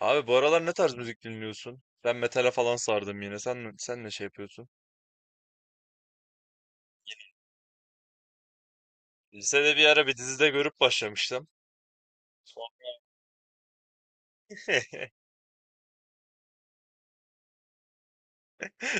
Abi bu aralar ne tarz müzik dinliyorsun? Ben metale falan sardım yine. Sen ne şey yapıyorsun? Lisede bir ara bir dizide görüp başlamıştım. Son-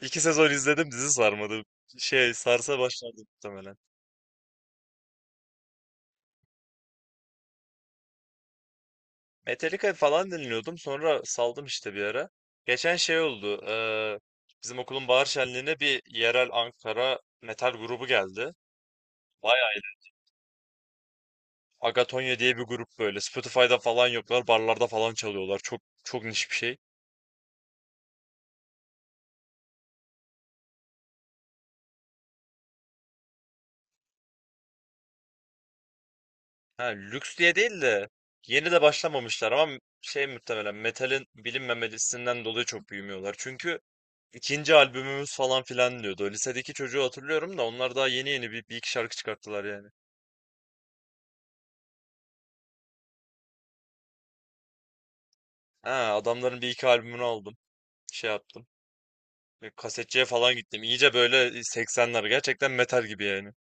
İki sezon izledim, dizi sarmadı. Şey sarsa başlardı muhtemelen. Metallica falan dinliyordum. Sonra saldım işte bir ara. Geçen şey oldu. Bizim okulun bahar şenliğine bir yerel Ankara metal grubu geldi. Bayağı iyi. Agatonya diye bir grup böyle. Spotify'da falan yoklar. Barlarda falan çalıyorlar. Çok çok niş bir şey. Ha, lüks diye değil de yeni de başlamamışlar, ama şey, muhtemelen metalin bilinmemesinden dolayı çok büyümüyorlar. Çünkü ikinci albümümüz falan filan diyordu. Lisedeki çocuğu hatırlıyorum da onlar daha yeni yeni bir iki şarkı çıkarttılar yani. Ha, adamların bir iki albümünü aldım. Şey yaptım. Böyle kasetçiye falan gittim. İyice böyle 80'ler, gerçekten metal gibi yani.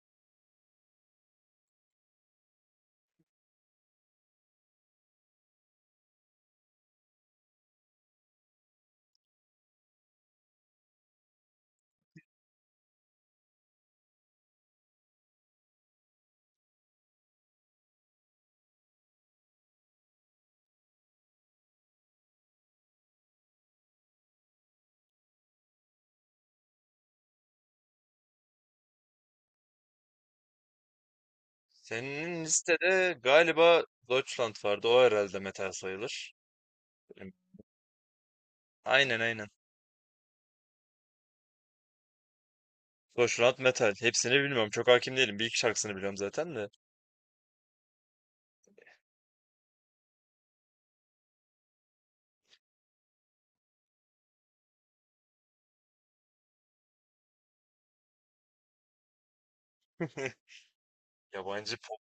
Senin listede galiba Deutschland vardı. O herhalde metal sayılır. Aynen aynen. Deutschland metal. Hepsini bilmiyorum. Çok hakim değilim. Bir iki şarkısını biliyorum zaten de. Yabancı pop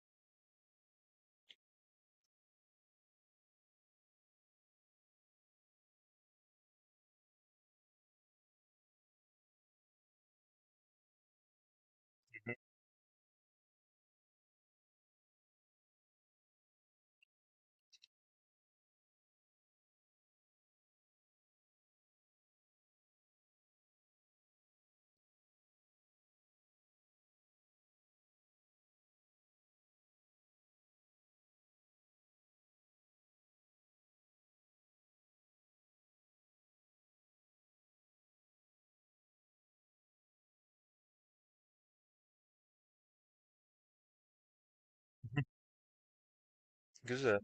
güzel.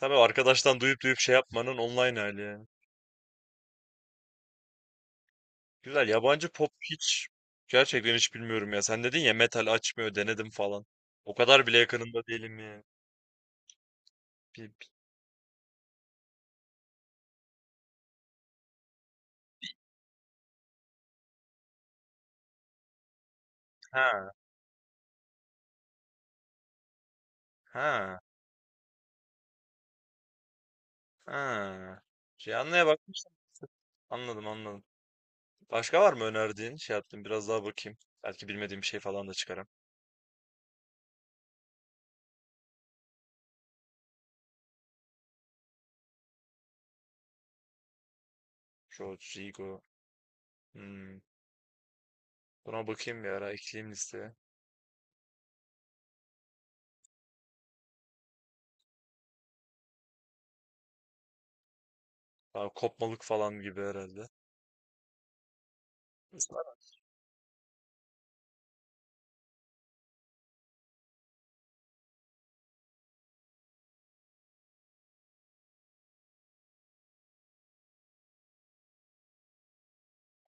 Tabii, arkadaştan duyup duyup şey yapmanın online hali ya. Güzel. Yabancı pop hiç, gerçekten hiç bilmiyorum ya. Sen dedin ya, metal açmıyor, denedim falan. O kadar bile yakınında değilim ya. Bir- bir- ha ha ha. Şey anlaya bakmıştım. Anladım anladım. Başka var mı önerdiğin? Şey yaptım, biraz daha bakayım. Belki bilmediğim bir şey falan da çıkarım. Rodrigo. Hmm. Buna bakayım, bir ara ekleyeyim listeye. Daha kopmalık falan gibi herhalde.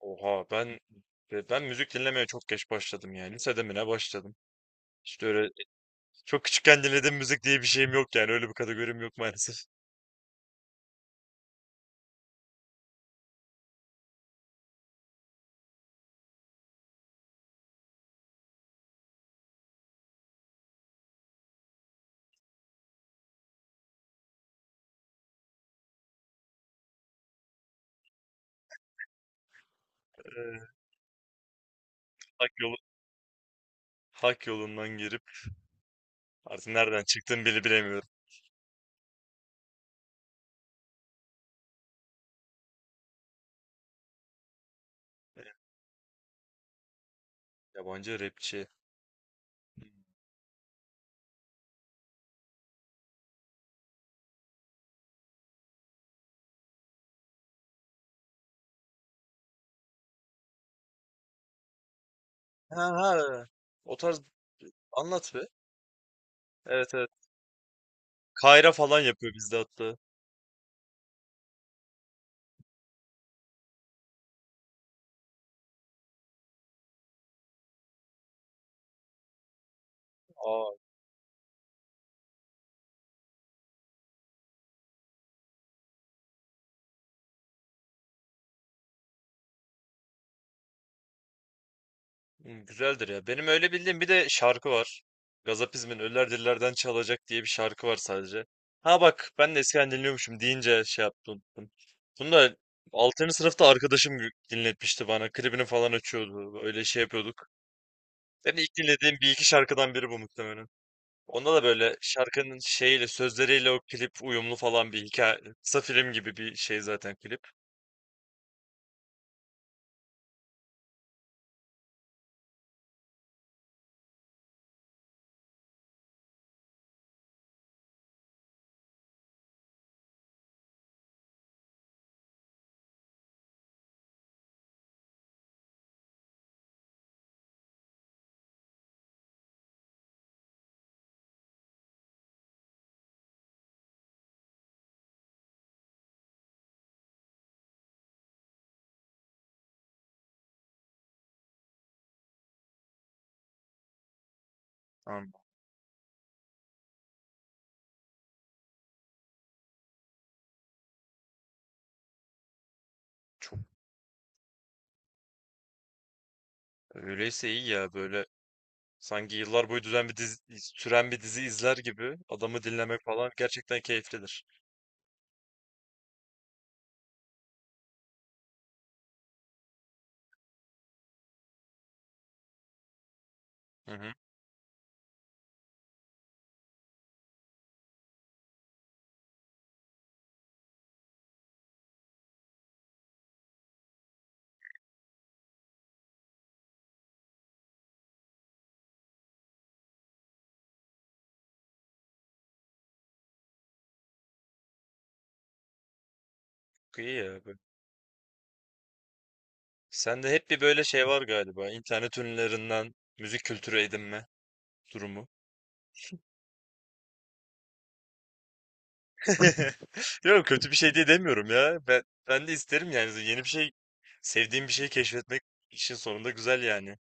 Oha, ben müzik dinlemeye çok geç başladım yani. Lisede mi ne başladım. İşte öyle, çok küçükken dinlediğim müzik diye bir şeyim yok yani. Öyle bir kategorim yok maalesef. Ee, hak yolu, hak yolundan girip artık nereden çıktığımı bile bilemiyorum. Ee, Yabancı rapçi. Ha ha. O tarz, anlat be. Evet evet. Kayra falan yapıyor bizde hatta. Aa. Güzeldir ya. Benim öyle bildiğim bir de şarkı var. Gazapizm'in Ölüler Dillerden Çalacak diye bir şarkı var sadece. Ha bak, ben de eskiden dinliyormuşum deyince şey yaptım, unuttum. Bunu da 6. sınıfta arkadaşım dinletmişti bana. Klibini falan açıyordu. Öyle şey yapıyorduk. Benim ilk dinlediğim bir iki şarkıdan biri bu muhtemelen. Onda da böyle şarkının şeyiyle, sözleriyle o klip uyumlu falan, bir hikaye. Kısa film gibi bir şey zaten klip. Tamam. Çok öyleyse iyi ya böyle. Sanki yıllar boyu süren bir dizi izler gibi adamı dinlemek falan gerçekten keyiflidir. Hı hı. İyi ya. Bu. Sende hep bir böyle şey var galiba. İnternet ünlülerinden müzik kültürü edinme durumu. Yok, kötü bir şey diye demiyorum ya. Ben de isterim yani, yeni bir şey, sevdiğim bir şeyi keşfetmek işin sonunda güzel yani.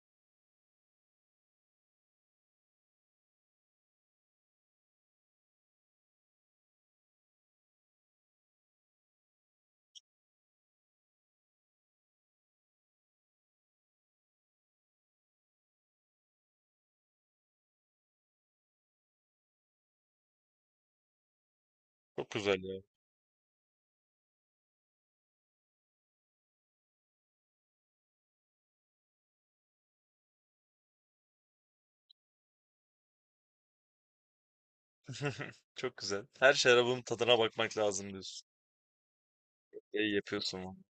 Çok güzel ya. Çok güzel. Her şarabın tadına bakmak lazım diyorsun. İyi yapıyorsun.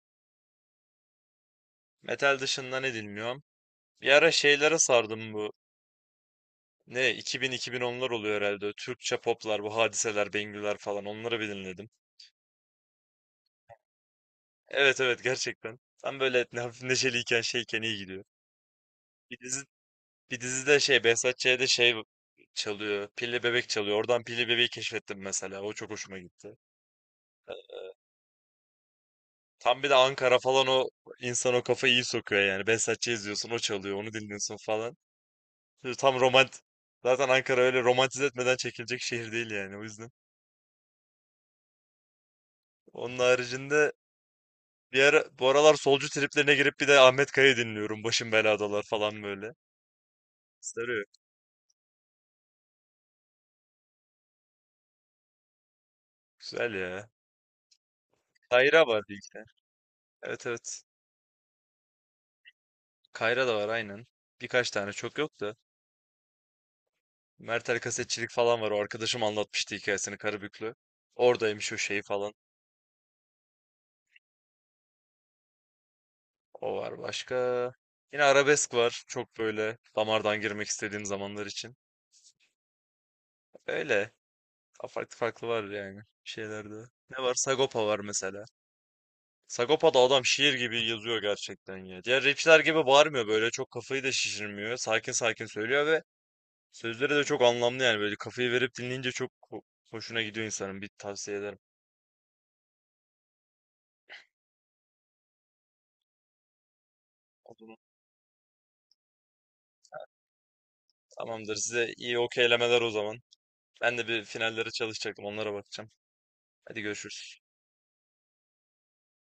Metal dışında ne dinliyorum? Bir ara şeylere sardım bu. Ne, 2000-2010'lar oluyor herhalde. Türkçe poplar, bu hadiseler, Bengüler falan, onları bir dinledim. Evet evet, gerçekten. Tam böyle hafif neşeliyken, şeyken iyi gidiyor. Bir dizi bir dizide şey, Behzat Ç'de şey çalıyor. Pilli Bebek çalıyor. Oradan Pilli Bebek'i keşfettim mesela. O çok hoşuma gitti. Tam bir de Ankara falan, o insan o kafayı iyi sokuyor yani. Behzat Ç izliyorsun, o çalıyor, onu dinliyorsun falan. Böyle tam romant. Zaten Ankara öyle romantize etmeden çekilecek şehir değil yani, o yüzden. Onun haricinde, bu aralar solcu triplerine girip bir de Ahmet Kaya'yı dinliyorum. Başım beladalar falan böyle. Sarıyor. Güzel ya. Kayra var bir iki tane. Evet evet. Kayra da var aynen. Birkaç tane, çok yok da. Mertel kasetçilik falan var. O, arkadaşım anlatmıştı hikayesini, Karabüklü. Oradaymış o şey falan. O var başka. Yine arabesk var. Çok böyle damardan girmek istediğim zamanlar için. Öyle. Farklı farklı var yani şeylerde. Ne var? Sagopa var mesela. Sagopa'da adam şiir gibi yazıyor gerçekten ya. Diğer rapçiler gibi bağırmıyor, böyle çok kafayı da şişirmiyor. Sakin sakin söylüyor ve sözleri de çok anlamlı yani, böyle kafayı verip dinleyince çok hoşuna gidiyor insanın. Bir tavsiye ederim. O zaman tamamdır, size iyi okeylemeler o zaman. Ben de bir finallere çalışacaktım, onlara bakacağım. Hadi görüşürüz.